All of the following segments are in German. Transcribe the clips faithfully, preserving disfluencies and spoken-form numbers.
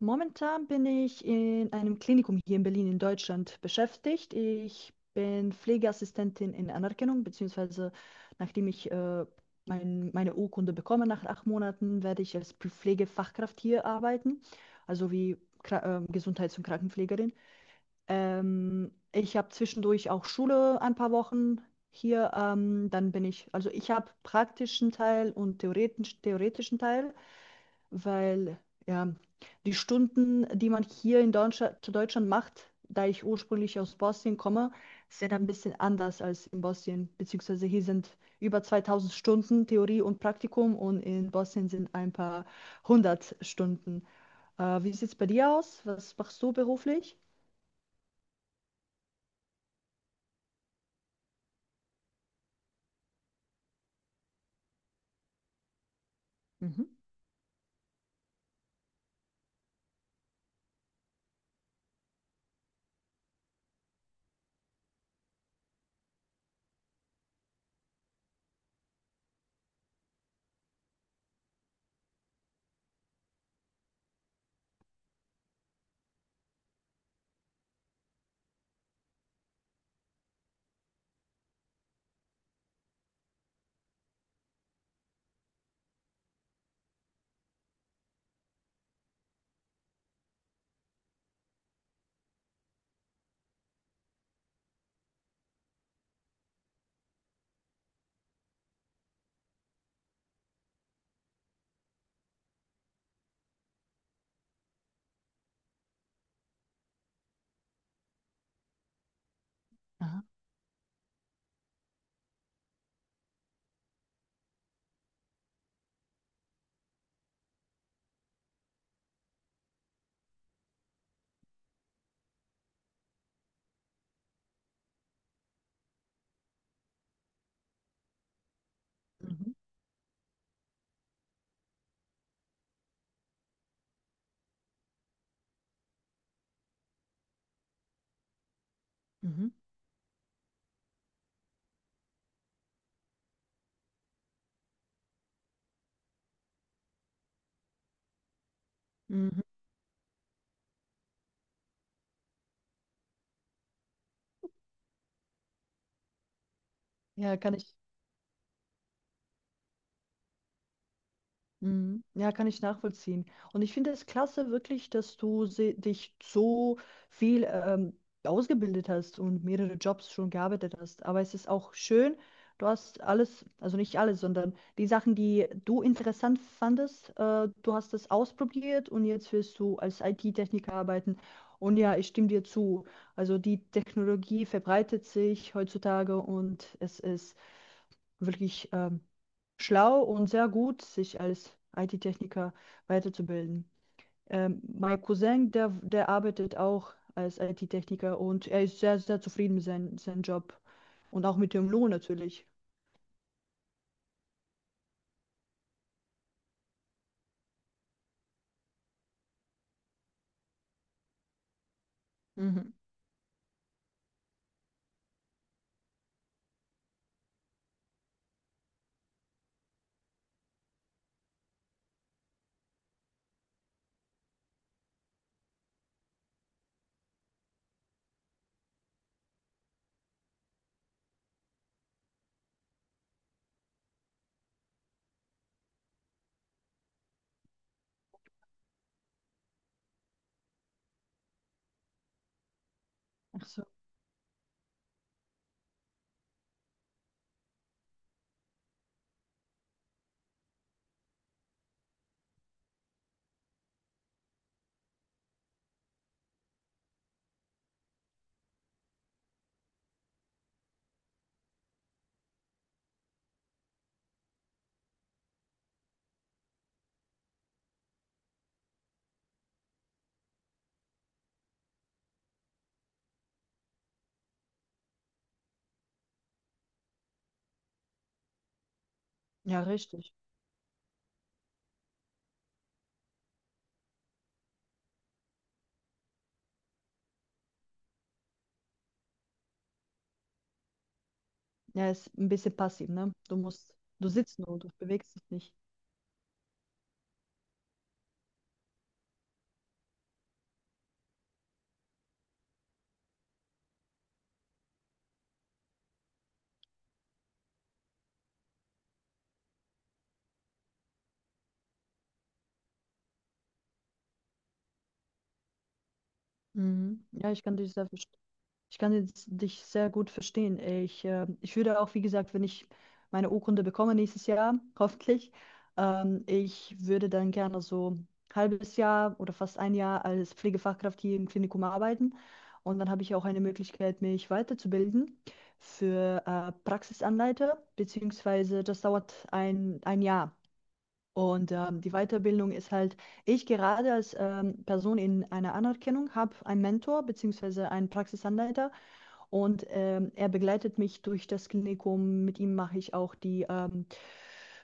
Momentan bin ich in einem Klinikum hier in Berlin in Deutschland beschäftigt. Ich bin Pflegeassistentin in Anerkennung, beziehungsweise nachdem ich äh, mein, meine Urkunde bekomme, nach acht Monaten, werde ich als Pflegefachkraft hier arbeiten, also wie Kra äh, Gesundheits- und Krankenpflegerin. Ähm, ich habe zwischendurch auch Schule ein paar Wochen hier. Ähm, dann bin ich, also ich habe praktischen Teil und theoretischen, theoretischen Teil, weil ja, die Stunden, die man hier in Deutschland, zu Deutschland macht, da ich ursprünglich aus Bosnien komme, sind ein bisschen anders als in Bosnien, beziehungsweise hier sind über zweitausend Stunden Theorie und Praktikum und in Bosnien sind ein paar hundert Stunden. Äh, wie sieht es bei dir aus? Was machst du beruflich? Mhm. Aha. Mhm. Mhm. Mhm. Ja, kann ich. Mhm. Ja, kann ich nachvollziehen. Und ich finde es klasse wirklich, dass du se- dich so viel ähm, ausgebildet hast und mehrere Jobs schon gearbeitet hast. Aber es ist auch schön, du hast alles, also nicht alles, sondern die Sachen, die du interessant fandest, äh, du hast das ausprobiert und jetzt wirst du als I T-Techniker arbeiten. Und ja, ich stimme dir zu. Also die Technologie verbreitet sich heutzutage und es ist wirklich ähm, schlau und sehr gut, sich als I T-Techniker weiterzubilden. Ähm, mein Cousin, der, der arbeitet auch als I T-Techniker und er ist sehr, sehr zufrieden mit seinem seinem Job und auch mit dem Lohn natürlich. Mhm. Ach so. Ja, richtig. Ja, ist ein bisschen passiv, ne? Du musst, du sitzt nur, du bewegst dich nicht. Mhm. Ja, ich kann dich sehr verstehen. Ich, kann jetzt dich sehr gut verstehen. Ich, äh, ich würde auch, wie gesagt, wenn ich meine Urkunde bekomme nächstes Jahr, hoffentlich, ähm, ich würde dann gerne so ein halbes Jahr oder fast ein Jahr als Pflegefachkraft hier im Klinikum arbeiten. Und dann habe ich auch eine Möglichkeit, mich weiterzubilden für äh, Praxisanleiter, beziehungsweise das dauert ein, ein Jahr. Und ähm, die Weiterbildung ist halt, ich gerade als ähm, Person in einer Anerkennung habe einen Mentor, beziehungsweise einen Praxisanleiter. Und ähm, er begleitet mich durch das Klinikum. Mit ihm mache ich auch die ähm,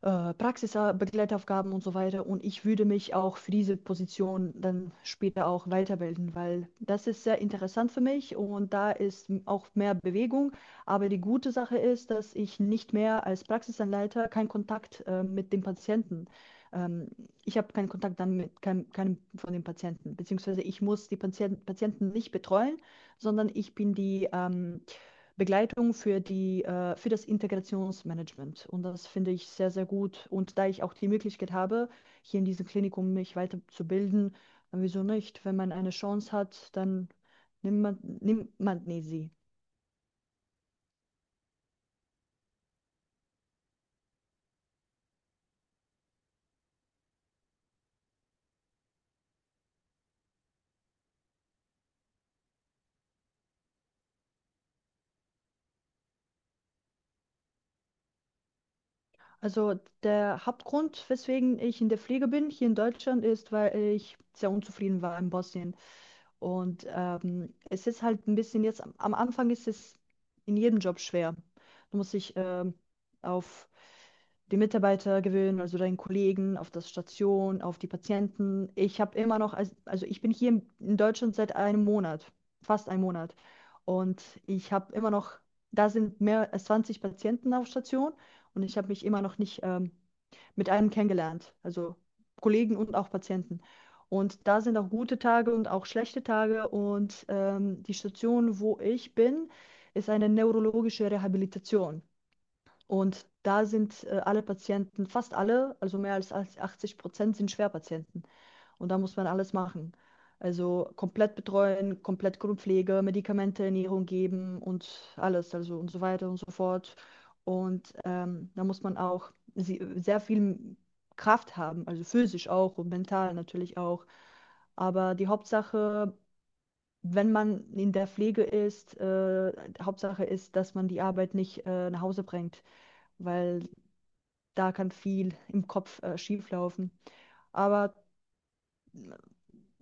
äh, Praxisbegleitaufgaben und so weiter. Und ich würde mich auch für diese Position dann später auch weiterbilden, weil das ist sehr interessant für mich und da ist auch mehr Bewegung. Aber die gute Sache ist, dass ich nicht mehr als Praxisanleiter keinen Kontakt äh, mit dem Patienten. Ähm, Ich habe keinen Kontakt dann mit keinem, keinem von den Patienten, beziehungsweise ich muss die Patient, Patienten nicht betreuen, sondern ich bin die ähm, Begleitung für die, äh, für das Integrationsmanagement. Und das finde ich sehr, sehr gut. Und da ich auch die Möglichkeit habe, hier in diesem Klinikum mich weiterzubilden, dann wieso nicht? Wenn man eine Chance hat, dann nimmt man, nimmt man nie sie. Also der Hauptgrund, weswegen ich in der Pflege bin, hier in Deutschland, ist, weil ich sehr unzufrieden war in Bosnien. Und ähm, es ist halt ein bisschen jetzt, am am Anfang ist es in jedem Job schwer. Du musst dich ähm, auf die Mitarbeiter gewöhnen, also deinen Kollegen, auf das Station, auf die Patienten. Ich habe immer noch, als- also ich bin hier in in Deutschland seit einem Monat, fast einem Monat. Und ich habe immer noch, da sind mehr als zwanzig Patienten auf Station und ich habe mich immer noch nicht ähm, mit einem kennengelernt, also Kollegen und auch Patienten. Und da sind auch gute Tage und auch schlechte Tage. Und ähm, die Station, wo ich bin, ist eine neurologische Rehabilitation. Und da sind äh, alle Patienten, fast alle, also mehr als achtzig Prozent sind Schwerpatienten. Und da muss man alles machen. Also komplett betreuen, komplett Grundpflege, Medikamente, Ernährung geben und alles, also und so weiter und so fort. Und ähm, da muss man auch sie- sehr viel Kraft haben, also physisch auch und mental natürlich auch. Aber die Hauptsache, wenn man in der Pflege ist, äh, Hauptsache ist, dass man die Arbeit nicht äh, nach Hause bringt, weil da kann viel im Kopf äh, schieflaufen. Aber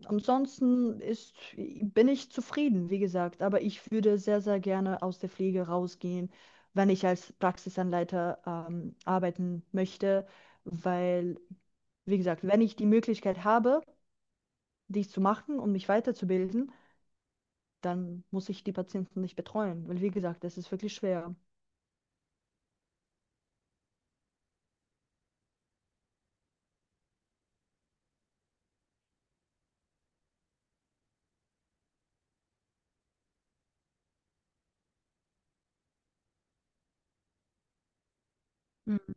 ansonsten ist, bin ich zufrieden, wie gesagt. Aber ich würde sehr, sehr gerne aus der Pflege rausgehen, wenn ich als Praxisanleiter ähm, arbeiten möchte, weil, wie gesagt, wenn ich die Möglichkeit habe, dies zu machen und mich weiterzubilden, dann muss ich die Patienten nicht betreuen, weil, wie gesagt, das ist wirklich schwer. Mhm.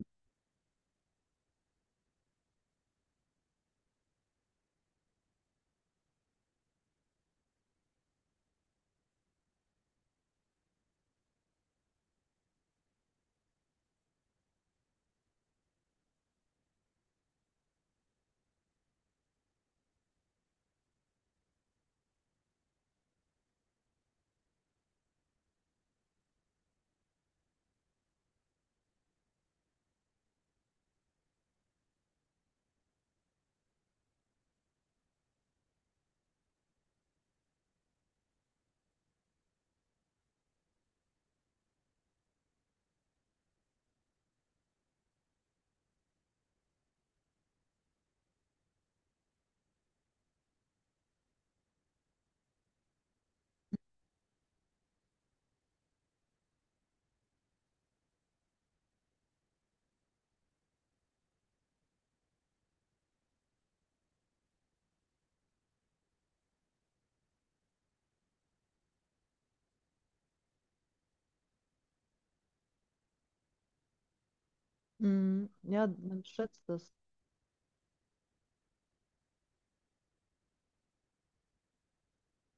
Mm, ja, man schätzt das.